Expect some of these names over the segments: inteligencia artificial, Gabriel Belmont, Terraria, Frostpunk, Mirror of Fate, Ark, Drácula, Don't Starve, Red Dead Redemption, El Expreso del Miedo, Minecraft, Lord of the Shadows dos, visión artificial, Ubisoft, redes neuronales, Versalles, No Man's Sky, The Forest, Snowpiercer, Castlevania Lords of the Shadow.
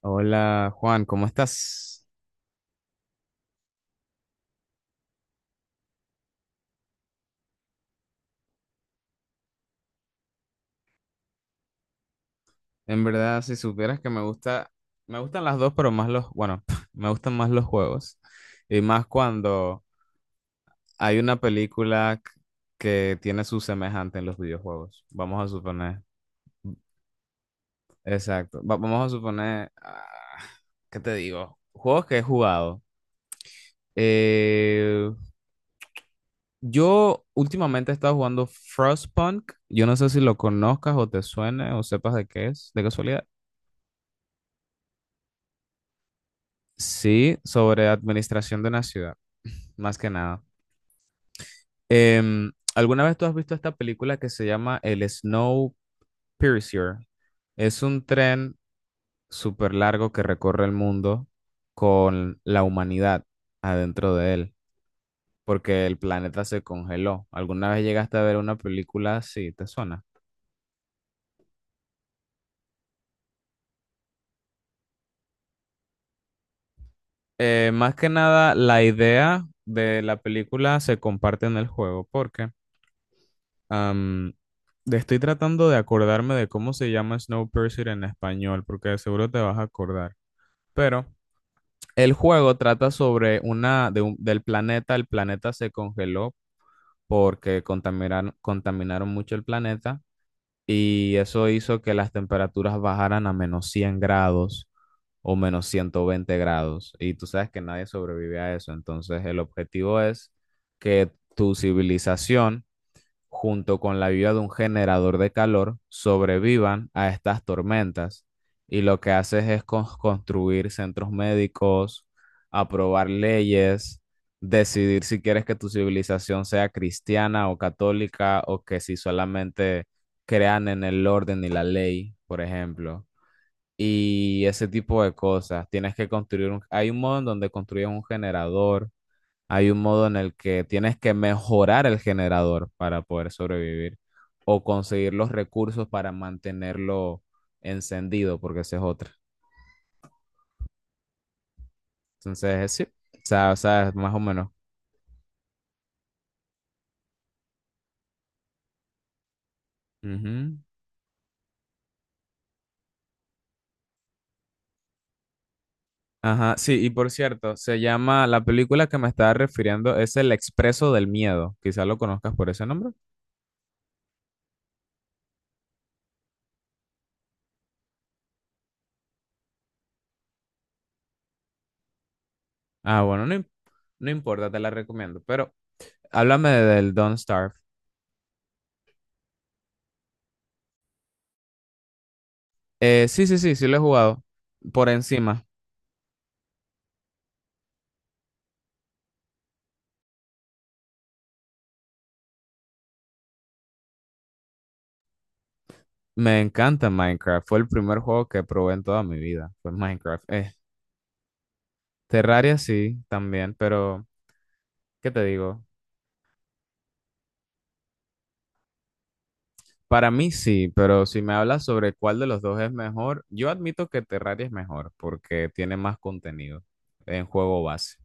Hola Juan, ¿cómo estás? En verdad, si supieras que me gusta, me gustan las dos, pero más los, bueno, me gustan más los juegos. Y más cuando hay una película que tiene su semejante en los videojuegos. Vamos a suponer, exacto. Vamos a suponer, ¿qué te digo? Juegos que he jugado. Eh, yo últimamente he estado jugando Frostpunk. Yo no sé si lo conozcas o te suene o sepas de qué es, de casualidad. Sí, sobre administración de una ciudad, más que nada. ¿Alguna vez tú has visto esta película que se llama El Snowpiercer? Es un tren súper largo que recorre el mundo con la humanidad adentro de él, porque el planeta se congeló. ¿Alguna vez llegaste a ver una película así? ¿Te suena? Más que nada, la idea de la película se comparte en el juego, porque Am, estoy tratando de acordarme de cómo se llama Snowpiercer en español, porque de seguro te vas a acordar. Pero el juego trata sobre una del planeta. El planeta se congeló porque contaminaron mucho el planeta y eso hizo que las temperaturas bajaran a -100 grados o -120 grados. Y tú sabes que nadie sobrevive a eso. Entonces el objetivo es que tu civilización junto con la ayuda de un generador de calor, sobrevivan a estas tormentas. Y lo que haces es construir centros médicos, aprobar leyes, decidir si quieres que tu civilización sea cristiana o católica o que si solamente crean en el orden y la ley, por ejemplo. Y ese tipo de cosas. Tienes que construir un... Hay un modo en donde construyes un generador, hay un modo en el que tienes que mejorar el generador para poder sobrevivir o conseguir los recursos para mantenerlo encendido, porque esa es otra. Entonces, sí, o sea, es más o menos. Ujú. Ajá, sí, y por cierto, se llama, la película que me estaba refiriendo es El Expreso del Miedo, quizás lo conozcas por ese nombre. Ah, bueno, no, no importa, te la recomiendo, pero háblame del Don't Starve. Sí, sí lo he jugado por encima. Me encanta Minecraft. Fue el primer juego que probé en toda mi vida. Fue Minecraft. Terraria sí, también, pero ¿qué te digo? Para mí sí, pero si me hablas sobre cuál de los dos es mejor, yo admito que Terraria es mejor porque tiene más contenido en juego base.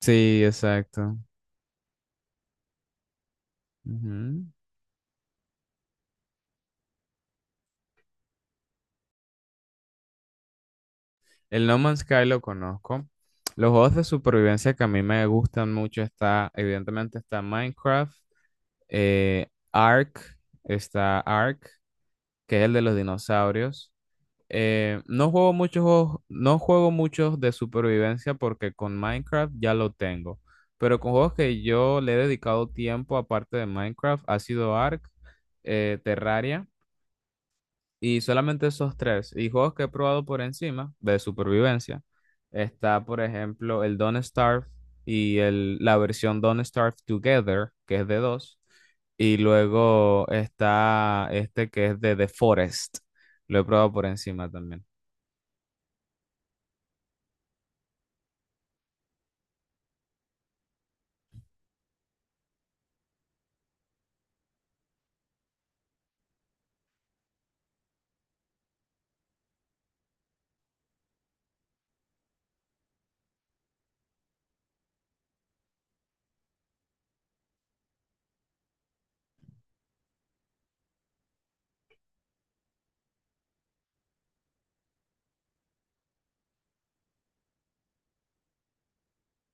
Sí, exacto. Ujú. El No Man's Sky lo conozco. Los juegos de supervivencia que a mí me gustan mucho está, evidentemente está Minecraft, eh, Ark, está Ark, que es el de los dinosaurios. No juego muchos juegos, no juego muchos de supervivencia porque con Minecraft ya lo tengo. Pero con juegos que yo le he dedicado tiempo aparte de Minecraft ha sido Ark, Terraria. Y solamente esos tres. Y juegos que he probado por encima de supervivencia. Está, por ejemplo, el Don't Starve y el, la versión Don't Starve Together, que es de dos. Y luego está este que es de The Forest. Lo he probado por encima también.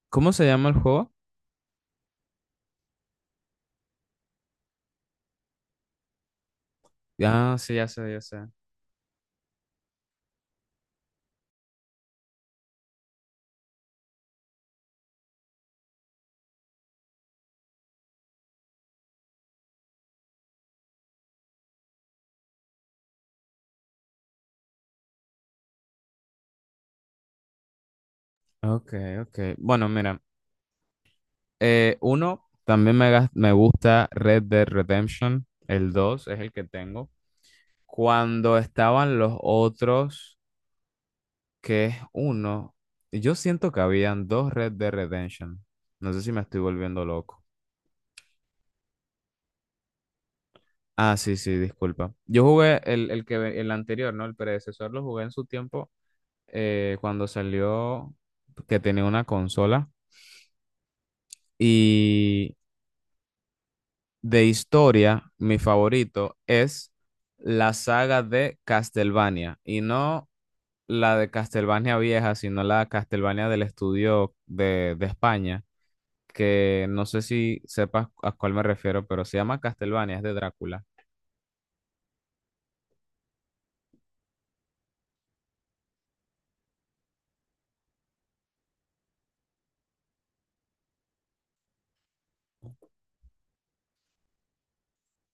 ¿Cómo se llama el juego? Ah, sí, ya sé, ya sé. Ok, ok. Bueno, mira. Uno, también me, me gusta Red Dead Redemption. El dos es el que tengo. Cuando estaban los otros, que es uno, yo siento que habían dos Red de Redemption. No sé si me estoy volviendo loco. Ah, sí, sí, disculpa. Yo jugué el que, el anterior, ¿no? El predecesor lo jugué en su tiempo, cuando salió, que tenía una consola. Y de historia, mi favorito es la saga de Castlevania. Y no la de Castlevania vieja, sino la Castlevania del estudio de España, que no sé si sepas a cuál me refiero, pero se llama Castlevania, es de Drácula.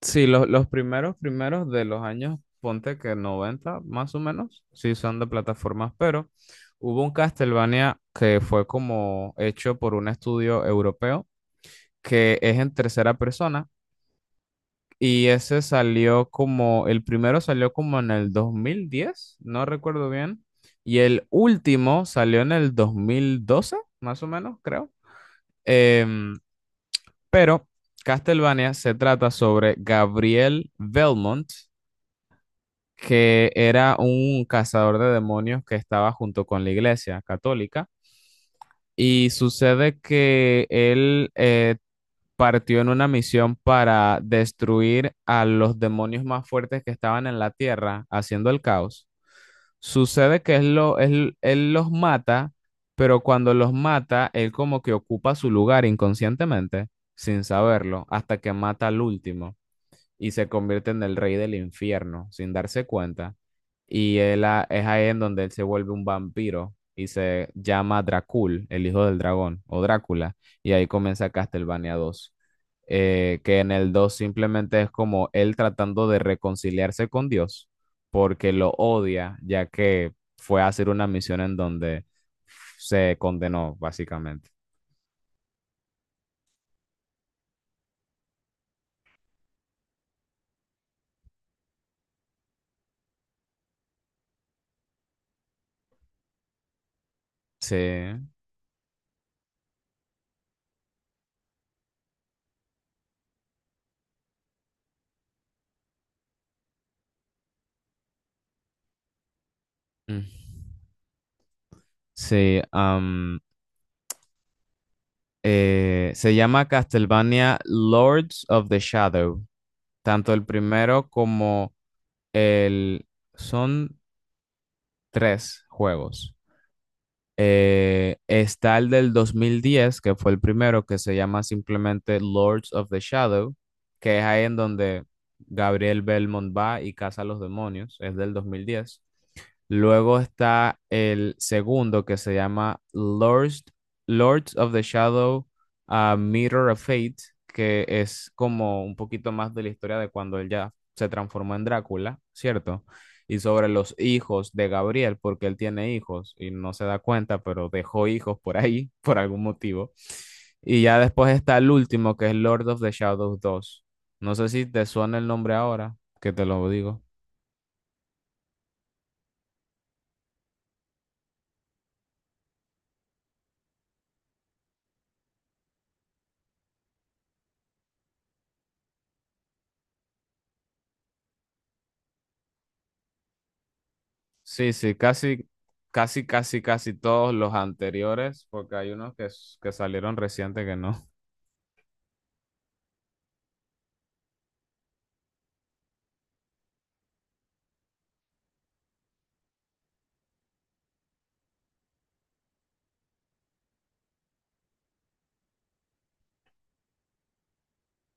Sí, los, primeros de los años, ponte que 90 más o menos, sí son de plataformas, pero hubo un Castlevania que fue como hecho por un estudio europeo, que es en tercera persona. Y ese salió como, el primero salió como en el 2010, no recuerdo bien. Y el último salió en el 2012 más o menos, creo. Em, pero Castlevania se trata sobre Gabriel Belmont, que era un cazador de demonios que estaba junto con la iglesia católica. Y sucede que él, partió en una misión para destruir a los demonios más fuertes que estaban en la tierra, haciendo el caos. Sucede que él los mata, pero cuando los mata, él como que ocupa su lugar inconscientemente, sin saberlo, hasta que mata al último y se convierte en el rey del infierno sin darse cuenta. Y es ahí en donde él se vuelve un vampiro y se llama Dracul, el hijo del dragón, o Drácula, y ahí comienza Castlevania dos, que en el 2 simplemente es como él tratando de reconciliarse con Dios, porque lo odia, ya que fue a hacer una misión en donde se condenó, básicamente. Sí. Mm. Sí, se llama Castlevania Lords of the Shadow. Tanto el primero como el... Son tres juegos. Está el del 2010, que fue el primero, que se llama simplemente Lords of the Shadow, que es ahí en donde Gabriel Belmont va y caza a los demonios. Es del 2010. Luego está el segundo que se llama Lords of the Shadow, Mirror of Fate, que es como un poquito más de la historia de cuando él ya se transformó en Drácula, ¿cierto? Y sobre los hijos de Gabriel, porque él tiene hijos y no se da cuenta, pero dejó hijos por ahí, por algún motivo. Y ya después está el último, que es Lord of the Shadows dos. No sé si te suena el nombre ahora, que te lo digo. Sí, sí, casi todos los anteriores, porque hay unos que, que salieron reciente que no.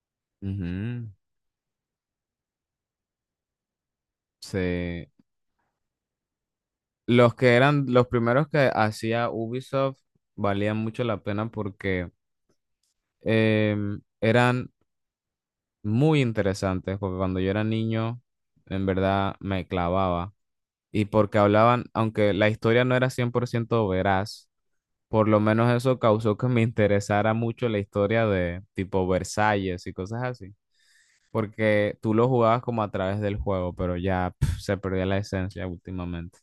Ujú. Sí. Los que eran los primeros que hacía Ubisoft valían mucho la pena porque eran muy interesantes, porque cuando yo era niño, en verdad me clavaba. Y porque hablaban, aunque la historia no era 100% veraz, por lo menos eso causó que me interesara mucho la historia de tipo Versalles y cosas así. Porque tú lo jugabas como a través del juego, pero ya pf, se perdió la esencia últimamente.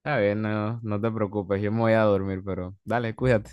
Está bien, no, no te preocupes, yo me voy a dormir, pero dale, cuídate.